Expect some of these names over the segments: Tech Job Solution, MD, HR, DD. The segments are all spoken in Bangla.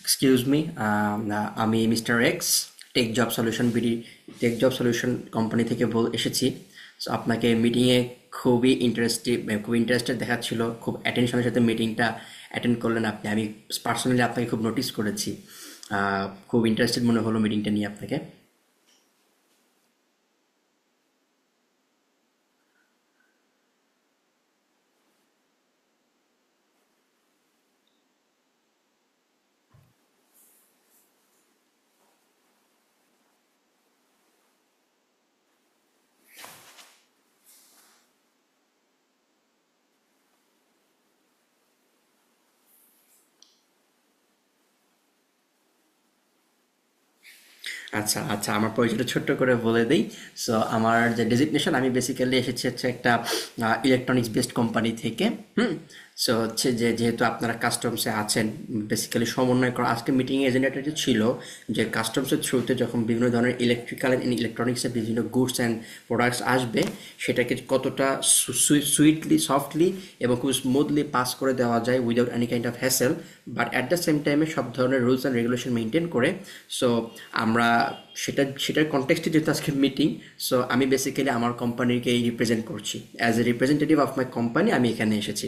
এক্সকিউজ মি, আমি mister X. Tech job solution BD tech job solution company থেকে বল এসেছি। সো আপনাকে মিটিংয়ে খুবই ইন্টারেস্টিভ খুব ইন্টারেস্টেড দেখাচ্ছিল, খুব অ্যাটেনশনের সাথে মিটিংটা অ্যাটেন্ড করলেন। আমি পার্সোনালি আপনাকে খুব নোটিস করেছি। আহ, খুব ইন্টারেস্টেড মনে হলো মিটিংটা নিয়ে আপনাকে। আচ্ছা, আচ্ছা, আমার পরিচয়টা ছোট্ট করে বলে দেই। সো আমার যে ডেজিগনেশন, আমি বেসিক্যালি এসেছি হচ্ছে একটা ইলেকট্রনিক্স বেসড কোম্পানি থেকে। হুম? সো হচ্ছে যে, যেহেতু আপনারা কাস্টমসে আছেন, বেসিক্যালি সমন্বয় করা, আজকে মিটিংয়ে এজেন্ডাটা যে ছিল যে কাস্টমসের থ্রুতে যখন বিভিন্ন ধরনের ইলেকট্রিক্যাল অ্যান্ড ইলেকট্রনিক্সের বিভিন্ন গুডস অ্যান্ড প্রোডাক্টস আসবে, সেটাকে কতটা সুইটলি, সফটলি এবং খুব স্মুথলি পাস করে দেওয়া যায় without any kind of hassle, but at the same টাইমে সব ধরনের রুলস অ্যান্ড রেগুলেশন মেনটেন করে। সো আমরা, সেটার কনটেক্সটে যেহেতু আজকে মিটিং, সো আমি বেসিক্যালি আমার কোম্পানিকেই রিপ্রেজেন্ট করছি। As a representative of my company আমি এখানে এসেছি।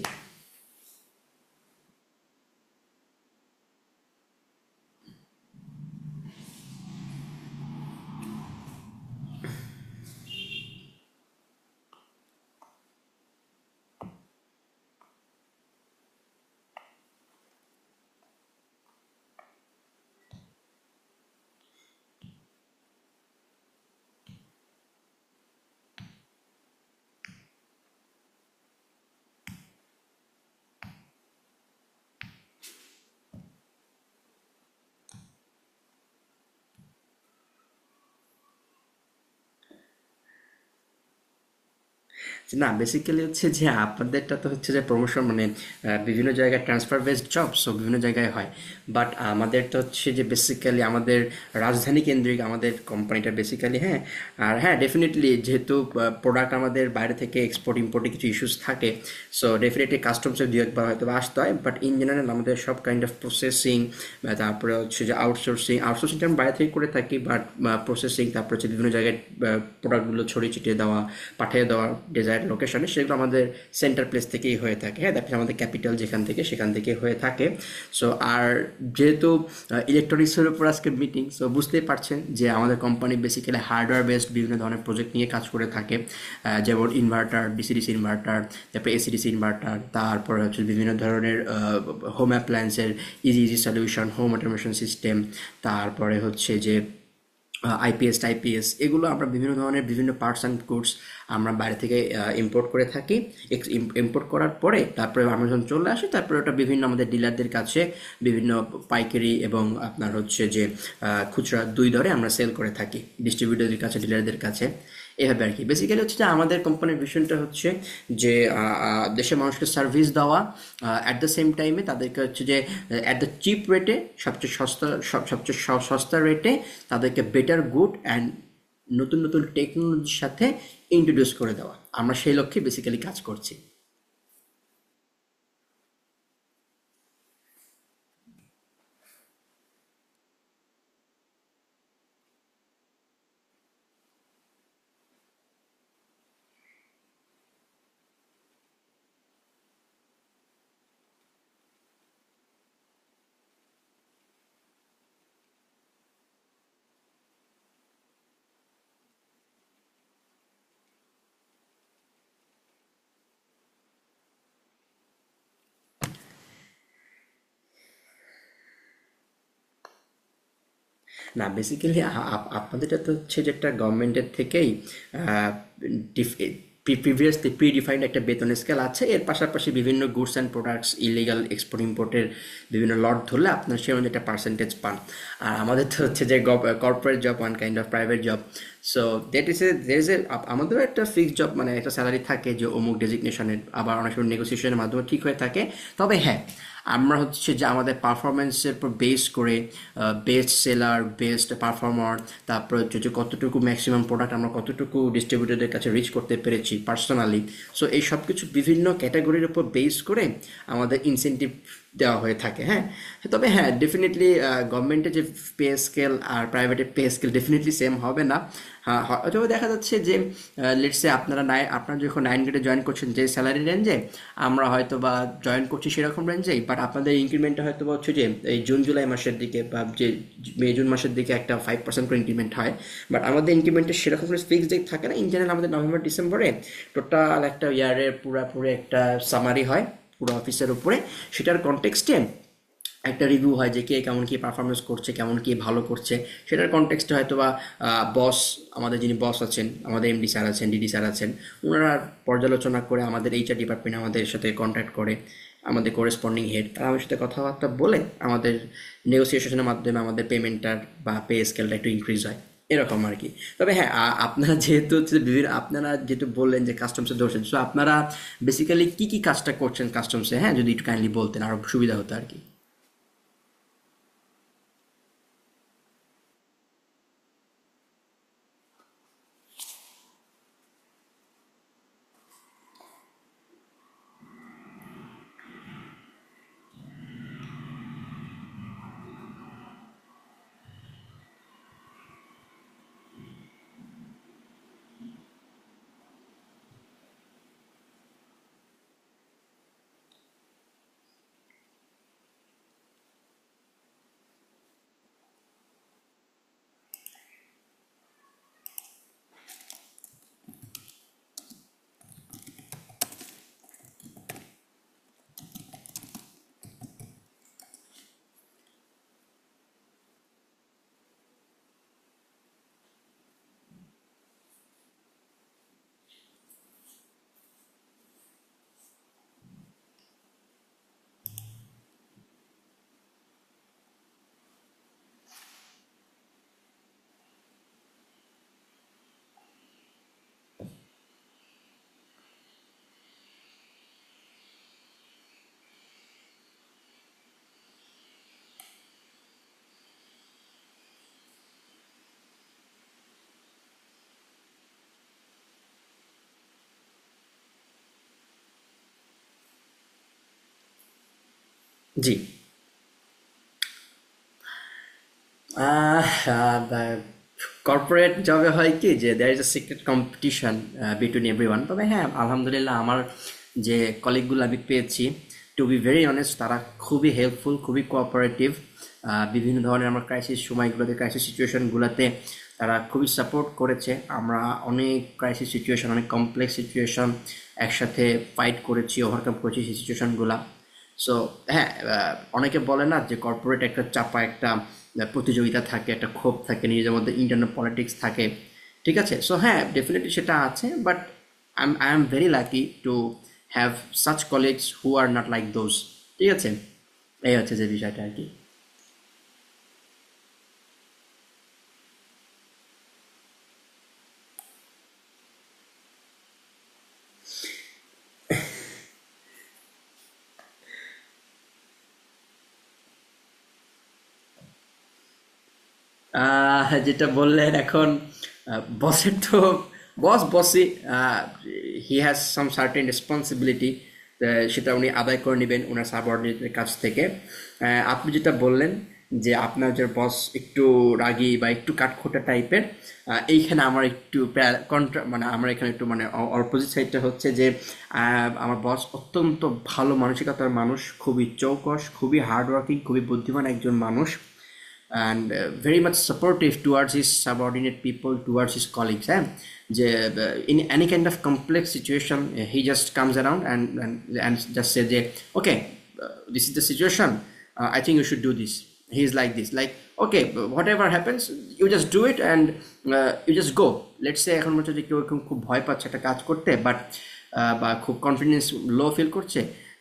যে না, বেসিক্যালি হচ্ছে যে আপনাদেরটা তো হচ্ছে যে প্রমোশন মানে বিভিন্ন জায়গায় ট্রান্সফার বেসড জব, সো বিভিন্ন জায়গায় হয়। বাট আমাদেরটা হচ্ছে যে বেসিক্যালি আমাদের রাজধানী কেন্দ্রিক, আমাদের কোম্পানিটা বেসিক্যালি, হ্যাঁ। আর হ্যাঁ ডেফিনেটলি যেহেতু প্রোডাক্ট আমাদের বাইরে থেকে এক্সপোর্ট ইম্পোর্টে কিছু ইস্যুস থাকে, সো ডেফিনেটলি কাস্টমসের দু একবার হয়তো বা আসতে হয়। বাট ইন জেনারেল আমাদের সব কাইন্ড অফ প্রসেসিং, তারপরে হচ্ছে যে out আউটসোর্সিং আউটসোর্সিংটা আমি বাইরে থেকে করে থাকি। বাট প্রসেসিং, তারপর হচ্ছে বিভিন্ন জায়গায় প্রোডাক্টগুলো ছড়িয়ে ছিটিয়ে দেওয়া, পাঠিয়ে দেওয়া ডিজায়ার লোকেশনে, সেগুলো আমাদের সেন্টার প্লেস থেকেই হয়ে থাকে। হ্যাঁ, দ্যাট আমাদের ক্যাপিটাল, যেখান থেকে সেখান থেকে হয়ে থাকে। সো আর যেহেতু ইলেকট্রনিক্সের উপর আজকে মিটিং, সো বুঝতেই পারছেন যে আমাদের কোম্পানি বেসিক্যালি হার্ডওয়্যার বেসড বিভিন্ন ধরনের প্রজেক্ট নিয়ে কাজ করে থাকে। যেমন ইনভার্টার, ডিসি ডিসি ইনভার্টার, তারপরে এসিডিসি ইনভার্টার, তারপরে হচ্ছে বিভিন্ন ধরনের হোম অ্যাপ্লায়েন্সের easy easy solution, home automation system, তারপরে হচ্ছে যে আইপিএস টাইপিএস। এগুলো আমরা বিভিন্ন ধরনের, বিভিন্ন পার্টস অ্যান্ড গুডস আমরা বাইরে থেকে ইম্পোর্ট করে থাকি। ইম্পোর্ট করার পরে তারপরে আমরা যখন চলে আসি, তারপরে ওটা বিভিন্ন আমাদের ডিলারদের কাছে, বিভিন্ন পাইকারি এবং আপনার হচ্ছে যে খুচরা, দুই দরে আমরা সেল করে থাকি, ডিস্ট্রিবিউটরদের কাছে, ডিলারদের কাছে। এভাবে আর কি, বেসিক্যালি হচ্ছে যে আমাদের কোম্পানির ভিশনটা হচ্ছে যে আহ, আহ, দেশের মানুষকে সার্ভিস দেওয়া, অ্যাট দ্য সেম টাইমে তাদেরকে হচ্ছে যে অ্যাট দ্য চিপ রেটে, সবচেয়ে সস্তা, সস্তা রেটে তাদেরকে বেটার গুড অ্যান্ড নতুন নতুন টেকনোলজির সাথে ইন্ট্রোডিউস করে দেওয়া। আমরা সেই লক্ষ্যে বেসিক্যালি কাজ করছি। না বেসিক্যালি আপনাদের তো হচ্ছে যে একটা গভর্নমেন্টের থেকেই প্রিভিয়াসলি প্রি ডিফাইন্ড একটা বেতন স্কেল আছে, এর পাশাপাশি বিভিন্ন goods and products illegal export ইম্পোর্টের বিভিন্ন লট ধরলে আপনার সে অনুযায়ী একটা পার্সেন্টেজ পান। আর আমাদের তো হচ্ছে যে corporate job, one kind of private job. So that is a there is a, আমাদেরও একটা ফিক্সড জব মানে একটা স্যালারি থাকে যে অমুক ডেজিগনেশনের, আবার অনেক সময় নেগোসিয়েশনের মাধ্যমে ঠিক হয়ে থাকে। তবে হ্যাঁ, আমরা হচ্ছে যে আমাদের পারফরমেন্সের উপর বেস করে বেস্ট সেলার, বেস্ট পারফর্মার, তারপর হচ্ছে যে কতটুকু ম্যাক্সিমাম প্রোডাক্ট আমরা কতটুকু ডিস্ট্রিবিউটরদের কাছে রিচ করতে পেরেছি পার্সোনালি, সো এই সব কিছু বিভিন্ন ক্যাটাগরির উপর বেস করে আমাদের ইনসেনটিভ দেওয়া হয়ে থাকে। হ্যাঁ। তবে হ্যাঁ ডেফিনেটলি গভর্নমেন্টের যে পে স্কেল আর প্রাইভেটের পে স্কেল ডেফিনেটলি সেম হবে না। হ্যাঁ, হয়তো দেখা যাচ্ছে যে লেটসে আপনার যে যখন নাইন গ্রেডে জয়েন করছেন যে স্যালারি রেঞ্জে, আমরা হয়তো বা জয়েন করছি সেরকম রেঞ্জেই। বাট আপনাদের ইনক্রিমেন্টটা হয়তো বা হচ্ছে যে এই জুন জুলাই মাসের দিকে বা যে মে জুন মাসের দিকে একটা 5% করে ইনক্রিমেন্ট হয়। বাট আমাদের ইনক্রিমেন্টের সেরকম কোনো ফিক্স ডেট থাকে না, ইন জেনারেল আমাদের নভেম্বর ডিসেম্বরে টোটাল একটা ইয়ারের পুরাপুরি একটা সামারি হয় পুরো অফিসের উপরে, সেটার কনটেক্সটে একটা রিভিউ হয় যে কে কেমন কি পারফরমেন্স করছে, কেমন কি ভালো করছে। সেটার কনটেক্সটে হয়তো বা বস, আমাদের যিনি বস আছেন, আমাদের এমডি স্যার আছেন, ডিডি স্যার আছেন, ওনারা পর্যালোচনা করে আমাদের এইচআর ডিপার্টমেন্ট আমাদের সাথে কন্ট্যাক্ট করে, আমাদের করেসপন্ডিং হেড তারা আমার সাথে কথাবার্তা বলে, আমাদের নেগোসিয়েশনের মাধ্যমে আমাদের পেমেন্টটার বা পে স্কেলটা একটু ইনক্রিজ হয়। এরকম আর কি। তবে হ্যাঁ, আপনারা যেহেতু হচ্ছে বিভিন্ন, আপনারা যেহেতু বললেন যে কাস্টমসে ধরছেন, সো আপনারা বেসিক্যালি কি কি কাজটা করছেন কাস্টমসে, হ্যাঁ যদি একটু কাইন্ডলি বলতেন আরো সুবিধা হতো আর কি। জি। আহ আ বা কর্পোরেট জবে হয় কি যে there is a secret competition between everyone. তবে হ্যাঁ, আলহামদুলিল্লাহ, আমার যে কলিগগুলো আমি পেয়েছি, to be very honest, তারা খুবই হেল্পফুল, খুবই cooperative, বিভিন্ন ধরনের আমার ক্রাইসিস সিচুয়েশনগুলোতে তারা খুবই সাপোর্ট করেছে। আমরা অনেক ক্রাইসিস সিচুয়েশন, অনেক কমপ্লেক্স সিচুয়েশন একসাথে ফাইট করেছি, ওভারকাম করেছি সেই সিচুয়েশনগুলা। সো হ্যাঁ, অনেকে বলে না যে কর্পোরেট একটা চাপা একটা প্রতিযোগিতা থাকে, একটা ক্ষোভ থাকে, নিজেদের মধ্যে ইন্টারনাল পলিটিক্স থাকে। ঠিক আছে, সো হ্যাঁ ডেফিনেটলি সেটা আছে, but I am very lucky to have such colleagues who are not like those. ঠিক আছে, এই হচ্ছে যে বিষয়টা আর কি। যেটা বললেন এখন, বসের তো, বস বসই। He has some certain responsibility, সেটা উনি আদায় করে নেবেন ওনার সাবঅর্ডিনেটের কাছ থেকে। আপনি যেটা বললেন যে আপনার যে বস একটু রাগী বা একটু কাঠখোট্টা টাইপের, এইখানে আমার একটু কন্ট্রা মানে আমার এখানে একটু মানে অপোজিট সাইডটা হচ্ছে যে আমার বস অত্যন্ত ভালো মানসিকতার মানুষ, খুবই চৌকস, খুবই হার্ডওয়ার্কিং, খুবই বুদ্ধিমান একজন মানুষ। And very much supportive towards his subordinate people, towards his colleagues, eh? যে, in any kind of complex situation, he just comes around and just says, yeah, okay. uh, This is the situation. I think you should do this. He's like this, like, okay, but whatever happens, you just do it, and you just go. Let's say এখন মনে হচ্ছে যে কেউ এরকম খুব ভয় পাচ্ছে একটা কাজ করতে, বাট খুব কনফিডেন্স লো ফিল করছে।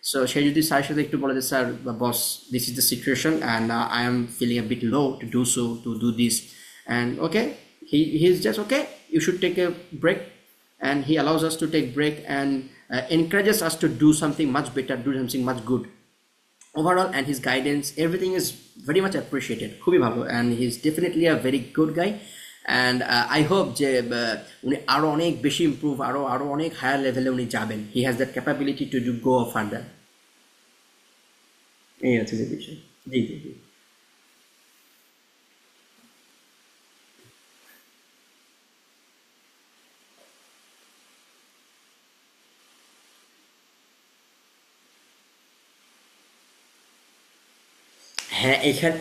সো সে যদি স্যারের সাথে একটু বলে যে স্যার বা boss, this is the situation and I am feeling a bit low to do so, to do this and okay, he he is just okay, you should take a break. And he allows us to take break and encourages us to do something much better, do something much good overall. And his guidance, everything is very much appreciated, খুবই ভালো। And he is definitely a very good guy. And I hope যে উনি আরও অনেক বেশি ইম্প্রুভ, আরও আরও অনেক হায়ার লেভেলে উনি যাবেন। He has that capability to go further. এই হচ্ছে যে বিষয়। জি জি জি। হ্যাঁ এখানে।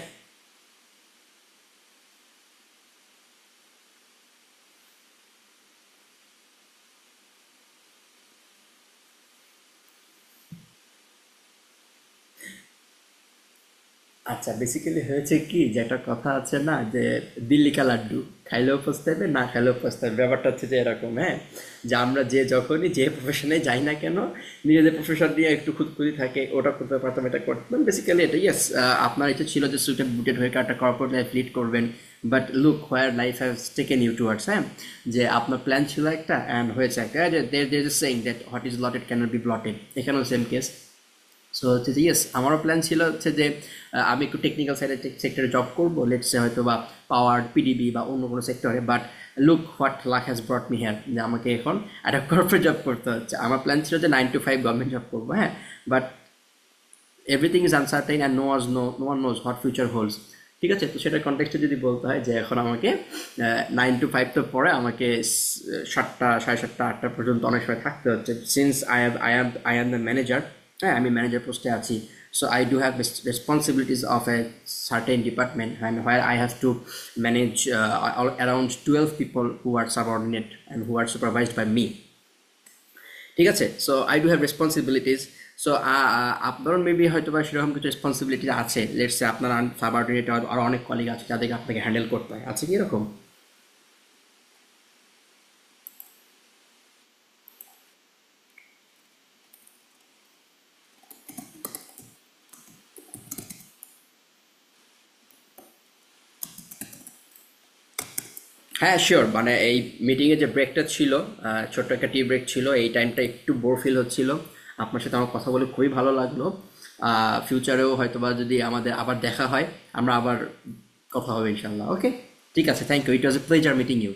আচ্ছা, বেসিক্যালি হয়েছে কি যে একটা কথা আছে না যে দিল্লি কা লাড্ডু, খাইলেও পস্তাবে, না খাইলেও পস্তাবে। ব্যাপারটা হচ্ছে যে এরকম, হ্যাঁ। যে আমরা যে যখনই যে প্রফেশনে যাই না কেন, নিজেদের প্রফেশন দিয়ে একটু খুঁতখুঁতি থাকে, ওটা করতে পারতাম, এটা করতাম। বেসিক্যালি এটা ইয়েস, আপনার ইচ্ছা ছিল যে সুইটেড বুটেড হয়ে একটা কর্পোরেট লাইফ লিড করবেন, but look where life has taken you towards, হ্যাঁ। যে আপনার প্ল্যান ছিল একটা অ্যান্ড হয়েছে একটা। There there is saying that what is lotted can be blotted. এখানেও সেম কেস। সো হচ্ছে যে ইয়েস, আমারও প্ল্যান ছিল হচ্ছে যে আমি একটু টেকনিক্যাল সাইডের সেক্টরে জব করবো, লেটসে হয়তো বা পাওয়ার পিডিবি বা অন্য কোনো সেক্টরে। But look what luck has brought me here, যে আমাকে এখন একটা কর্পোরেট জব করতে হচ্ছে। আমার প্ল্যান ছিল যে 9 to 5 গভর্নমেন্ট জব করবো, হ্যাঁ। But everything is uncertain and no was no no one knows what future holds. ঠিক আছে। তো সেটার কনটেক্সটে যদি বলতে হয় যে এখন আমাকে 9 to 5, তো পরে আমাকে স- সাতটা, সাড়ে সাতটা, আটটা পর্যন্ত অনেক সময় থাকতে হচ্ছে। Since I am the manager, হ্যাঁ আমি ম্যানেজার পোস্টে আছি। So I do have responsibilities of a certain department and where I have to manage around 12 people who are subordinate and who are supervised by me. ঠিক আছে, so I do have responsibilities. So আপনার মেবি হয়তো বা সেরকম কিছু রেসপন্সিবিলিটি আছে, লেটস সে আপনার সাবার্ডিনেট আর অনেক কলিগ আছে যাদেরকে আপনাকে হ্যান্ডেল করতে হয়, আছে কি এরকম? হ্যাঁ শিওর, মানে এই মিটিংয়ে যে ব্রেকটা ছিল, ছোট্ট একটা টি ব্রেক ছিল, এই টাইমটা একটু বোর ফিল হচ্ছিল, আপনার সাথে আমার কথা বলে খুবই ভালো লাগলো। ফিউচারেও হয়তোবা যদি আমাদের আবার দেখা হয়, আমরা আবার কথা হবে, ইনশাল্লাহ। ওকে, ঠিক আছে। Thank you, it was a pleasure meeting you.